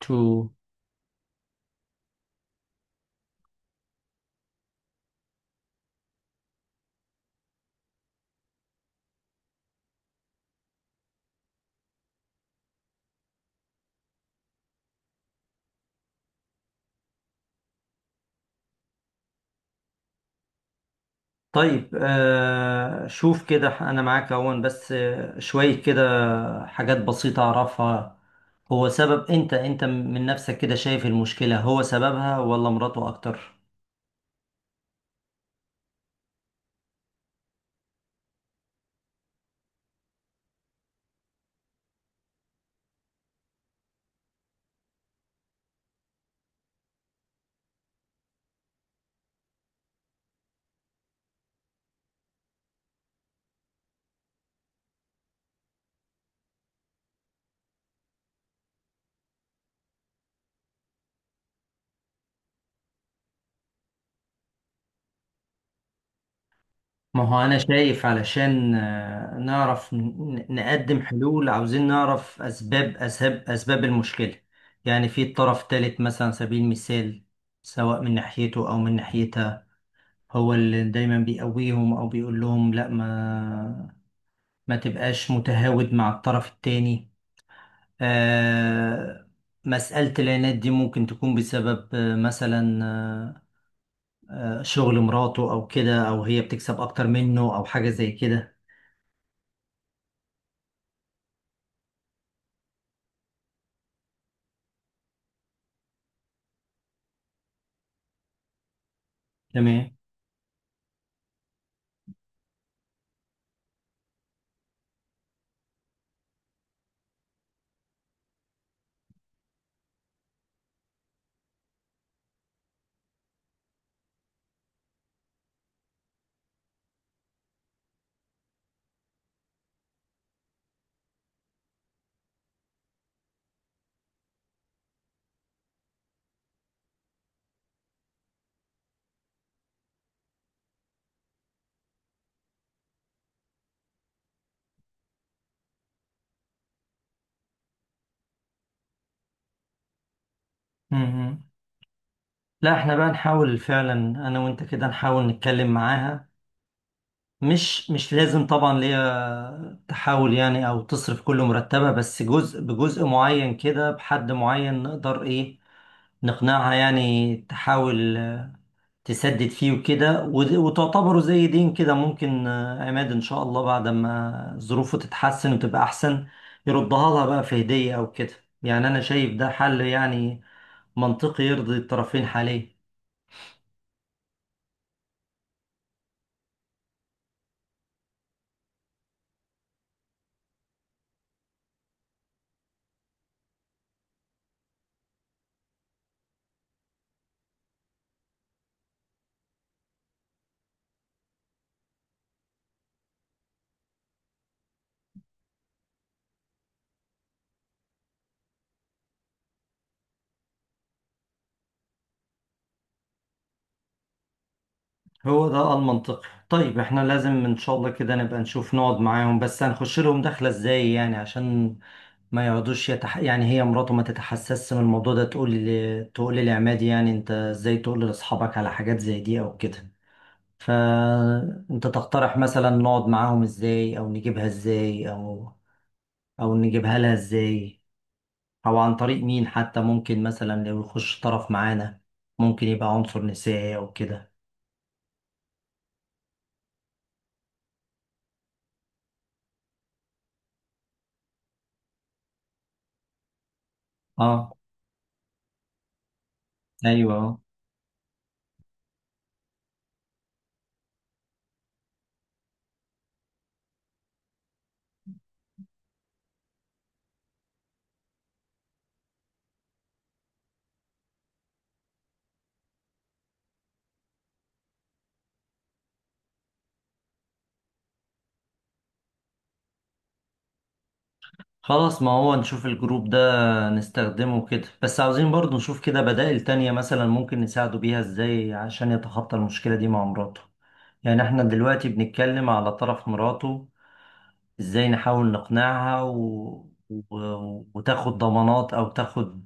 تو طيب، شوف كده، انا معاك اهون بس، شوية كده حاجات بسيطة اعرفها. هو سبب انت من نفسك كده شايف المشكلة؟ هو سببها ولا مراته اكتر؟ ما هو انا شايف، علشان نعرف نقدم حلول، عاوزين نعرف اسباب المشكلة. يعني في طرف تالت مثلا، على سبيل المثال، سواء من ناحيته او من ناحيتها، هو اللي دايما بيقويهم او بيقول لهم لا، ما تبقاش متهاود مع الطرف التاني. آه، مسألة العناد دي ممكن تكون بسبب مثلا، شغل مراته أو كده، أو هي بتكسب أكتر منه أو حاجة زي كده. تمام. مم. لا، احنا بقى نحاول فعلا، أنا وأنت كده نحاول نتكلم معاها. مش لازم طبعا ليا تحاول يعني أو تصرف كل مرتبة، بس جزء بجزء معين كده، بحد معين نقدر إيه نقنعها، يعني تحاول تسدد فيه وكده، وتعتبره زي دين كده، ممكن عماد ان شاء الله بعد ما ظروفه تتحسن وتبقى احسن يردها لها بقى في هدية او كده. يعني انا شايف ده حل يعني منطقي، يرضي الطرفين حاليا. هو ده المنطقي. طيب، احنا لازم ان شاء الله كده نبقى نشوف، نقعد معاهم، بس هنخش لهم دخلة ازاي يعني؟ عشان ما يقعدوش يعني هي مراته ما تتحسسش من الموضوع ده، تقول تقول لعماد يعني انت ازاي تقول لاصحابك على حاجات زي دي او كده؟ فأنت تقترح مثلا نقعد معاهم ازاي، أو نجيبها ازاي، أو نجيبها لها ازاي، أو عن طريق مين، حتى ممكن مثلا لو يخش طرف معانا، ممكن يبقى عنصر نسائي أو كده. اه. أيوه آه. خلاص، ما هو نشوف الجروب ده، نستخدمه كده، بس عاوزين برضو نشوف كده بدائل تانية مثلا، ممكن نساعده بيها ازاي عشان يتخطى المشكلة دي مع مراته. يعني احنا دلوقتي بنتكلم على طرف مراته، ازاي نحاول نقنعها وتاخد ضمانات او تاخد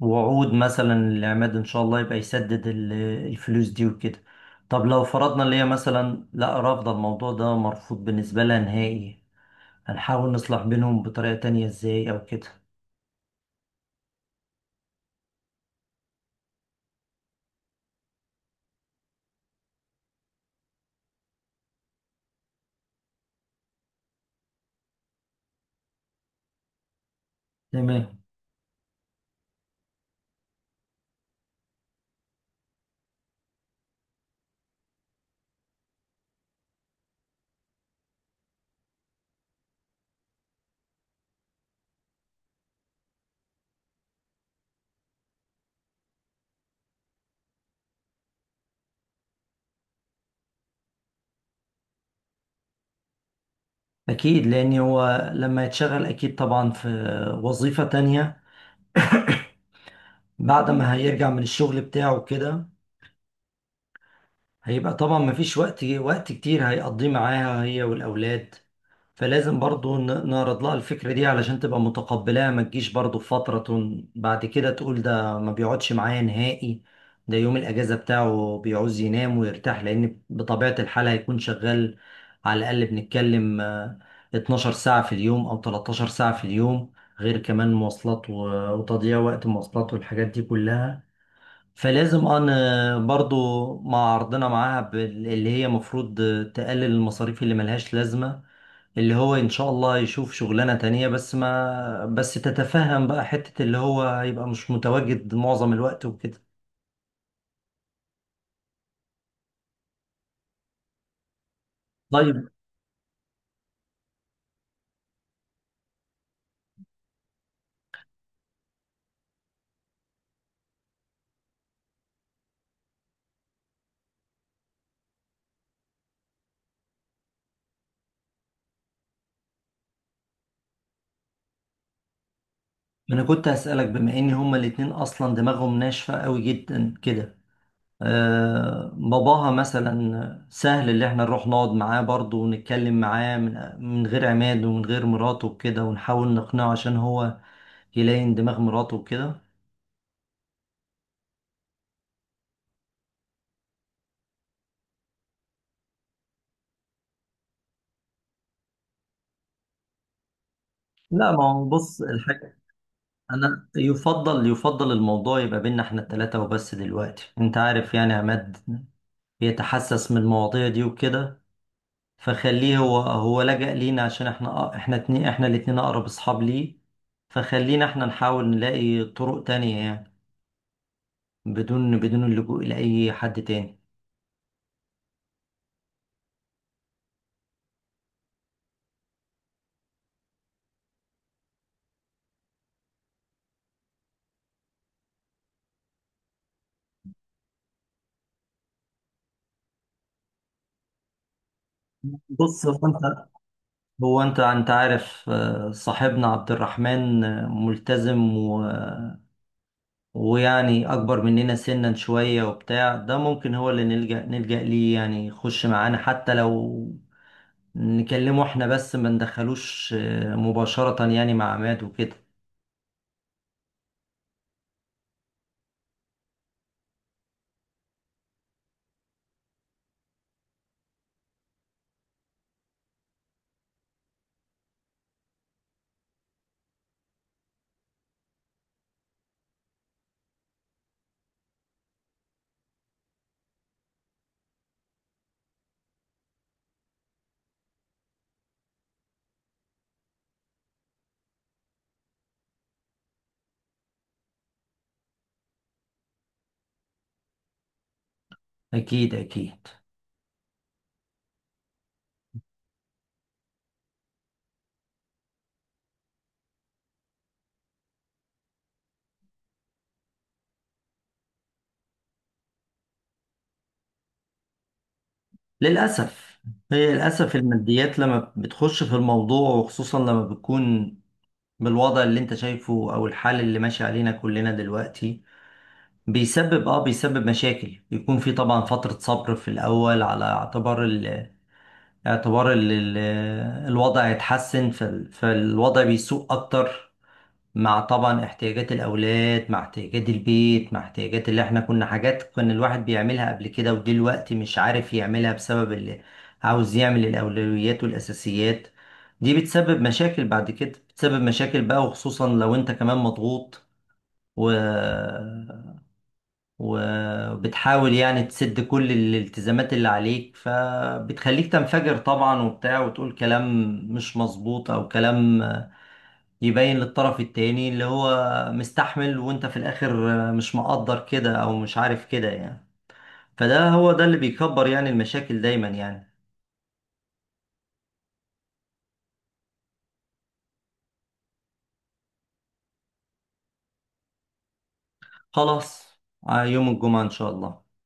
وعود مثلا للعماد ان شاء الله يبقى يسدد الفلوس دي وكده. طب لو فرضنا اللي هي مثلا لا، رافضة، الموضوع ده مرفوض بالنسبة لها نهائي، هنحاول نصلح بينهم بطريقة تانية ازاي او كده؟ تمام. اكيد، لان هو لما يتشغل اكيد طبعا في وظيفة تانية، بعد ما هيرجع من الشغل بتاعه كده هيبقى طبعا مفيش وقت كتير هيقضيه معاها هي والأولاد. فلازم برضو نعرض لها الفكرة دي علشان تبقى متقبلاها، ما تجيش برضو في فترة بعد كده تقول ده ما بيقعدش معايا نهائي. ده يوم الأجازة بتاعه بيعوز ينام ويرتاح، لأن بطبيعة الحال هيكون شغال على الأقل بنتكلم 12 ساعة في اليوم أو 13 ساعة في اليوم، غير كمان مواصلات وتضييع وقت مواصلات والحاجات دي كلها. فلازم انا برضو مع عرضنا معاها اللي هي مفروض تقلل المصاريف اللي ملهاش لازمة، اللي هو ان شاء الله يشوف شغلانة تانية، بس ما بس تتفهم بقى حتة اللي هو هيبقى مش متواجد معظم الوقت وكده. طيب، انا كنت هسألك، بما ان هما الاتنين اصلا دماغهم ناشفة قوي جدا كده، باباها مثلا سهل اللي احنا نروح نقعد معاه برضه ونتكلم معاه من غير عماد ومن غير مراته وكده، ونحاول نقنعه عشان هو يلاقي دماغ مراته وكده؟ لا، ما هو بص الحاجة، انا يفضل الموضوع يبقى بينا احنا التلاتة وبس، دلوقتي انت عارف يعني عماد بيتحسس من المواضيع دي وكده، فخليه. هو لجأ لينا عشان احنا، احنا اتنين احنا الاتنين اقرب اصحاب ليه، فخلينا احنا نحاول نلاقي طرق تانية يعني، بدون اللجوء لأي حد تاني. بص، هو انت، انت عارف، صاحبنا عبد الرحمن ملتزم، ويعني اكبر مننا سنا شوية وبتاع، ده ممكن هو اللي نلجأ ليه يعني، يخش معانا، حتى لو نكلمه احنا بس ما ندخلوش مباشرة يعني مع عماد وكده. اكيد اكيد. للأسف. هي للأسف الماديات لما بتخش في الموضوع، وخصوصا لما بتكون بالوضع اللي انت شايفه او الحال اللي ماشي علينا كلنا دلوقتي، بيسبب مشاكل. بيكون في طبعا فترة صبر في الأول، على اعتبار اعتبار ال- ال- الوضع هيتحسن، فالوضع بيسوء اكتر مع طبعا احتياجات الاولاد، مع احتياجات البيت، مع احتياجات اللي احنا كنا حاجات كان الواحد بيعملها قبل كده ودلوقتي مش عارف يعملها، بسبب اللي عاوز يعمل الاولويات والاساسيات. دي بتسبب مشاكل بعد كده، بتسبب مشاكل بقى، وخصوصا لو انت كمان مضغوط و... وبتحاول يعني تسد كل الالتزامات اللي عليك، فبتخليك تنفجر طبعا وبتاع، وتقول كلام مش مظبوط او كلام يبين للطرف التاني اللي هو مستحمل وانت في الاخر مش مقدر كده، او مش عارف كده يعني. فده هو ده اللي بيكبر يعني المشاكل دايما يعني. خلاص. يوم الجمعة ان شاء الله.